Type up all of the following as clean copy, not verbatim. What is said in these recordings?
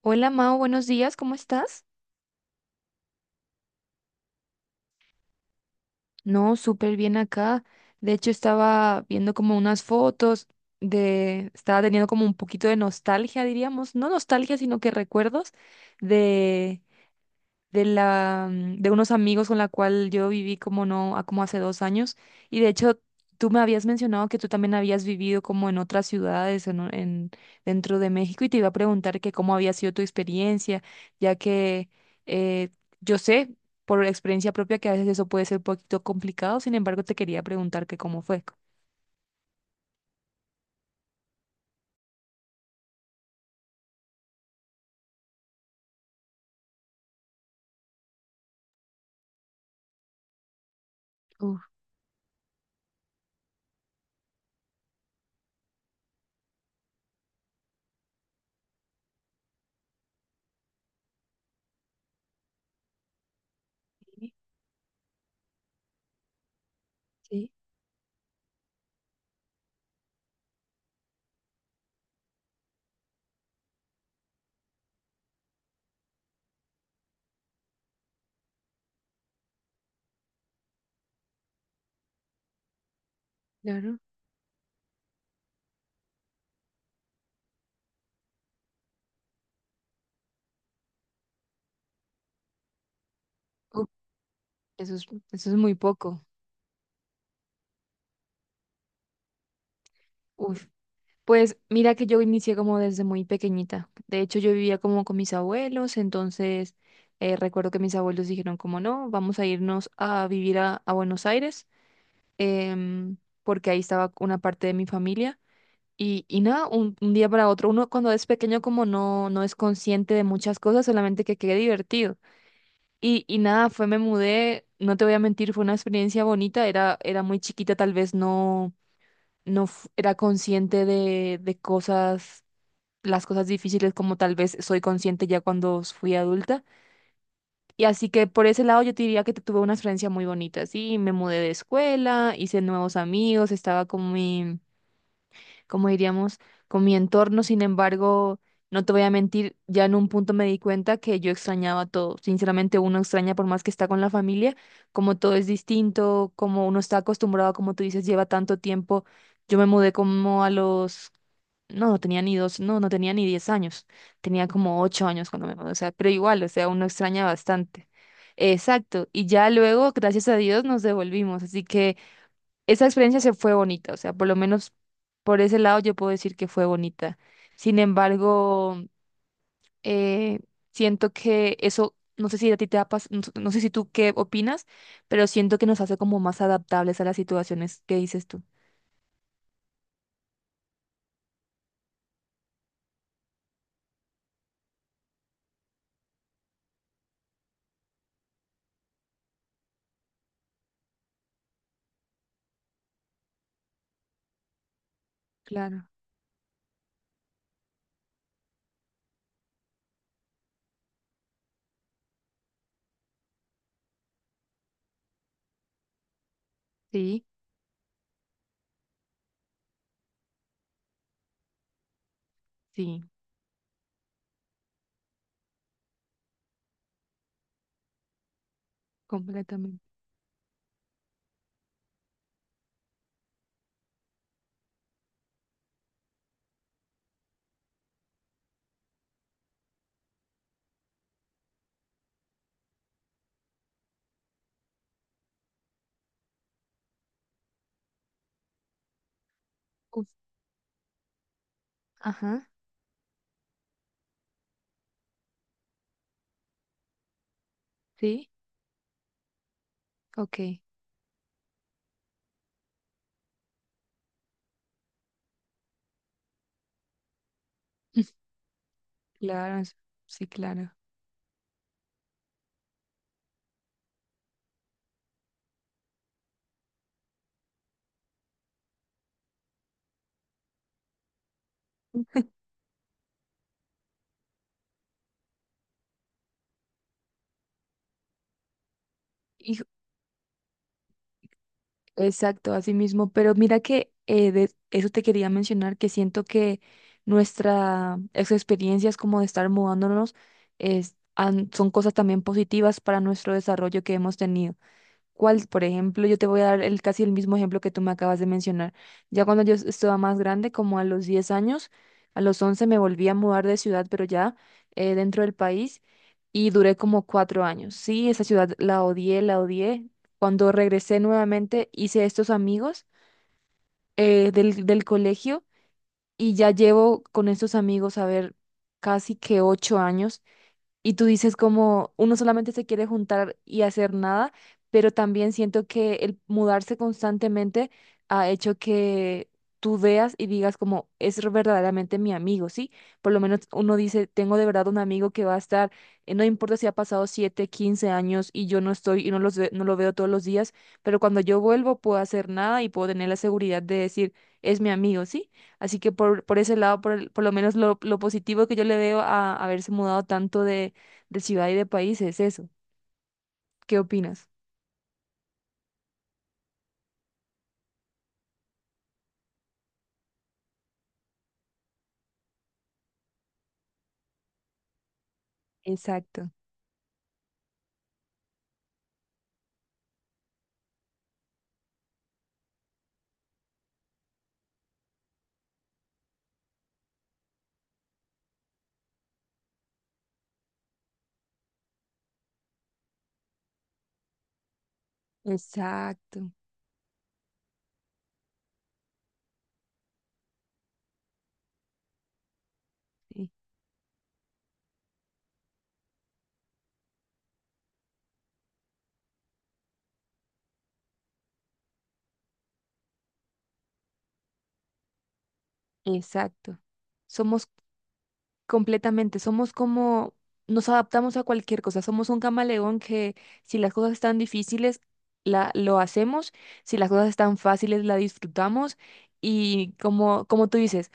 Hola Mao, buenos días, ¿cómo estás? No, súper bien acá. De hecho, estaba viendo como unas fotos estaba teniendo como un poquito de nostalgia, diríamos, no nostalgia, sino que recuerdos de de la, de unos amigos con la cual yo viví como no, como hace 2 años. Y de hecho, tú me habías mencionado que tú también habías vivido como en otras ciudades dentro de México y te iba a preguntar que cómo había sido tu experiencia, ya que eh, yo sé por experiencia propia que a veces eso puede ser un poquito complicado. Sin embargo, te quería preguntar que cómo fue. Uf, sí, sí, claro. Uf, eso es, eso es muy poco. Uf. Pues mira que yo inicié como desde muy pequeñita. De hecho, yo vivía como con mis abuelos, entonces recuerdo que mis abuelos dijeron como no, vamos a irnos a vivir a Buenos Aires, em, porque ahí estaba una parte de mi familia. Y nada, un día para otro, uno cuando es pequeño como no, no es consciente de muchas cosas, solamente que quede divertido. Y nada, me mudé, no te voy a mentir, fue una experiencia bonita, era muy chiquita, tal vez no, era consciente de cosas las cosas difíciles como tal vez soy consciente ya cuando fui adulta. Y así que por ese lado yo te diría que tuve una experiencia muy bonita, sí, me mudé de escuela, hice nuevos amigos, estaba con mi, como diríamos, con mi entorno. Sin embargo, no te voy a mentir, ya en un punto me di cuenta que yo extrañaba todo. Sinceramente, uno extraña por más que está con la familia, como todo es distinto, como uno está acostumbrado, como tú dices, lleva tanto tiempo. Yo me mudé como a los... no, no tenía ni dos, no, no tenía ni 10 años. Tenía como 8 años cuando me mudé, o sea, pero igual, o sea, uno extraña bastante. Exacto. Y ya luego, gracias a Dios, nos devolvimos. Así que esa experiencia se fue bonita, o sea, por lo menos por ese lado yo puedo decir que fue bonita. Sin embargo, eh, siento que eso, no sé si a ti te ha no, no sé si tú qué opinas, pero siento que nos hace como más adaptables a las situaciones que dices tú. Claro, sí, sí, completamente. Uf, ajá, sí, ok. Claro, es- sí, claro. Ujú. Exacto, así mismo. Pero mira que de eso te quería mencionar, que siento que nuestras experiencias como de estar mudándonos son cosas también positivas para nuestro desarrollo que hemos tenido. Cuál, por ejemplo, yo te voy a dar casi el mismo ejemplo que tú me acabas de mencionar. Ya cuando yo estaba más grande, como a los 10 años, a los 11 me volví a mudar de ciudad, pero ya dentro del país, y duré como 4 años. Sí, esa ciudad la odié, la odié. Cuando regresé nuevamente, hice estos amigos del colegio y ya llevo con estos amigos, a ver, casi que 8 años. Y tú dices como uno solamente se quiere juntar y hacer nada, pero también siento que el mudarse constantemente ha hecho que tú veas y digas como es verdaderamente mi amigo, ¿sí? Por lo menos uno dice, tengo de verdad un amigo que va a estar, no importa si ha pasado 7 15 años y yo no estoy y no los no lo veo todos los días, pero cuando yo vuelvo puedo hacer nada y puedo tener la seguridad de decir, es mi amigo, ¿sí? Así que por ese lado, por lo menos lo positivo que yo le veo a haberse mudado tanto de ciudad y de país es eso. ¿Qué opinas? Exacto, exacto, sí, exacto. Somos completamente, somos como, nos adaptamos a cualquier cosa, somos un camaleón que si las cosas están difíciles, lo hacemos, si las cosas están fáciles, la disfrutamos y como, como tú dices,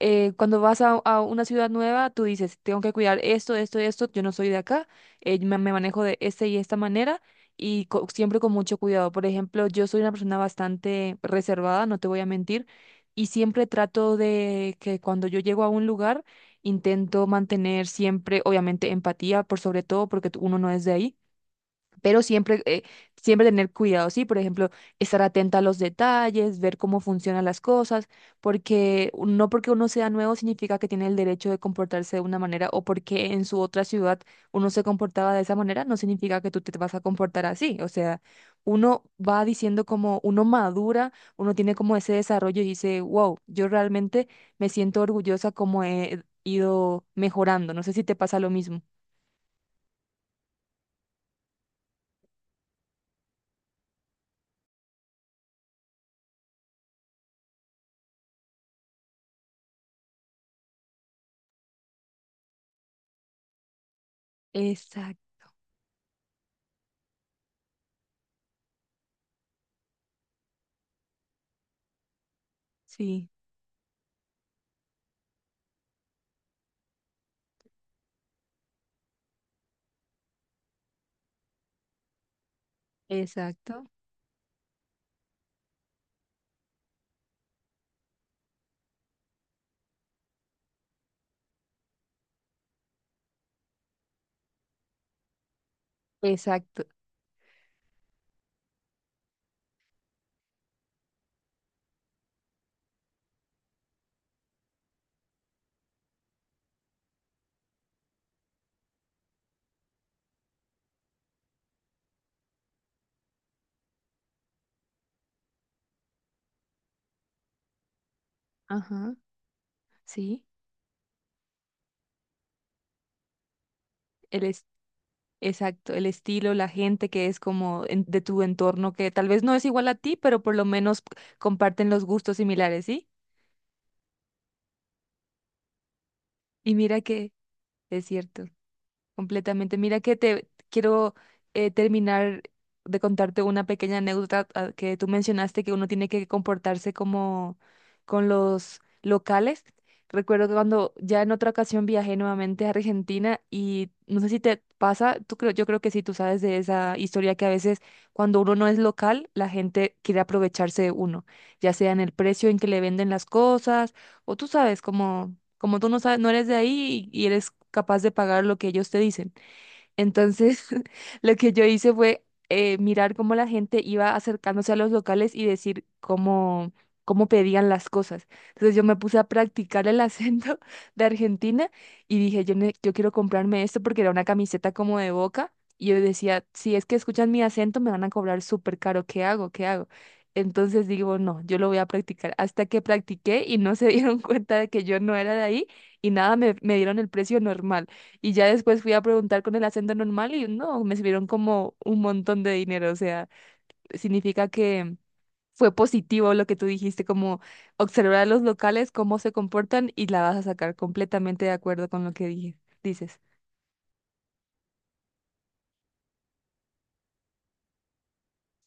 cuando vas a una ciudad nueva, tú dices, tengo que cuidar esto, esto, esto, yo no soy de acá, me manejo de esta y esta manera y siempre con mucho cuidado. Por ejemplo, yo soy una persona bastante reservada, no te voy a mentir, y siempre trato de que cuando yo llego a un lugar, intento mantener siempre, obviamente, empatía, por sobre todo porque uno no es de ahí, pero siempre, siempre tener cuidado, ¿sí? Por ejemplo, estar atenta a los detalles, ver cómo funcionan las cosas, porque no porque uno sea nuevo significa que tiene el derecho de comportarse de una manera, o porque en su otra ciudad uno se comportaba de esa manera, no significa que tú te vas a comportar así. O sea, uno va diciendo como uno madura, uno tiene como ese desarrollo y dice, wow, yo realmente me siento orgullosa como he ido mejorando. No sé si te pasa lo mismo. Exacto, sí, exacto. Exacto, ajá, sí, el es- exacto, el estilo, la gente que es como de tu entorno que tal vez no es igual a ti, pero por lo menos comparten los gustos similares, ¿sí? Y mira que es cierto. Completamente. Mira que te quiero terminar de contarte una pequeña anécdota, ah, que tú mencionaste que uno tiene que comportarse como con los locales. Recuerdo que cuando ya en otra ocasión viajé nuevamente a Argentina, y no sé si te pasa, tú creo, yo creo que sí, tú sabes de esa historia que a veces cuando uno no es local, la gente quiere aprovecharse de uno, ya sea en el precio en que le venden las cosas, o tú sabes, como, como tú no sabes, no eres de ahí y eres capaz de pagar lo que ellos te dicen. Entonces, lo que yo hice fue mirar cómo la gente iba acercándose a los locales y decir cómo pedían las cosas. Entonces, yo me puse a practicar el acento de Argentina y dije, yo, yo quiero comprarme esto porque era una camiseta como de Boca. Y yo decía, si es que escuchan mi acento, me van a cobrar súper caro. ¿Qué hago? ¿Qué hago? Entonces digo, no, yo lo voy a practicar. Hasta que practiqué y no se dieron cuenta de que yo no era de ahí y nada, me dieron el precio normal. Y ya después fui a preguntar con el acento normal y no, me subieron como un montón de dinero. O sea, significa que fue positivo lo que tú dijiste, como observar a los locales, cómo se comportan, y la vas a sacar completamente de acuerdo con lo que dije, dices.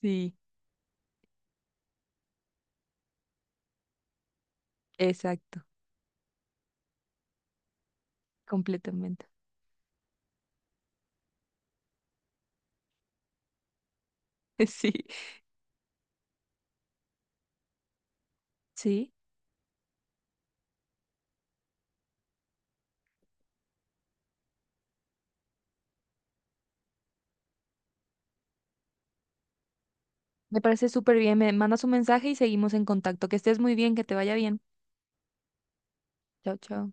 Sí, exacto, completamente. Sí, sí. Me parece súper bien. Me mandas un mensaje y seguimos en contacto. Que estés muy bien, que te vaya bien. Chao, chao.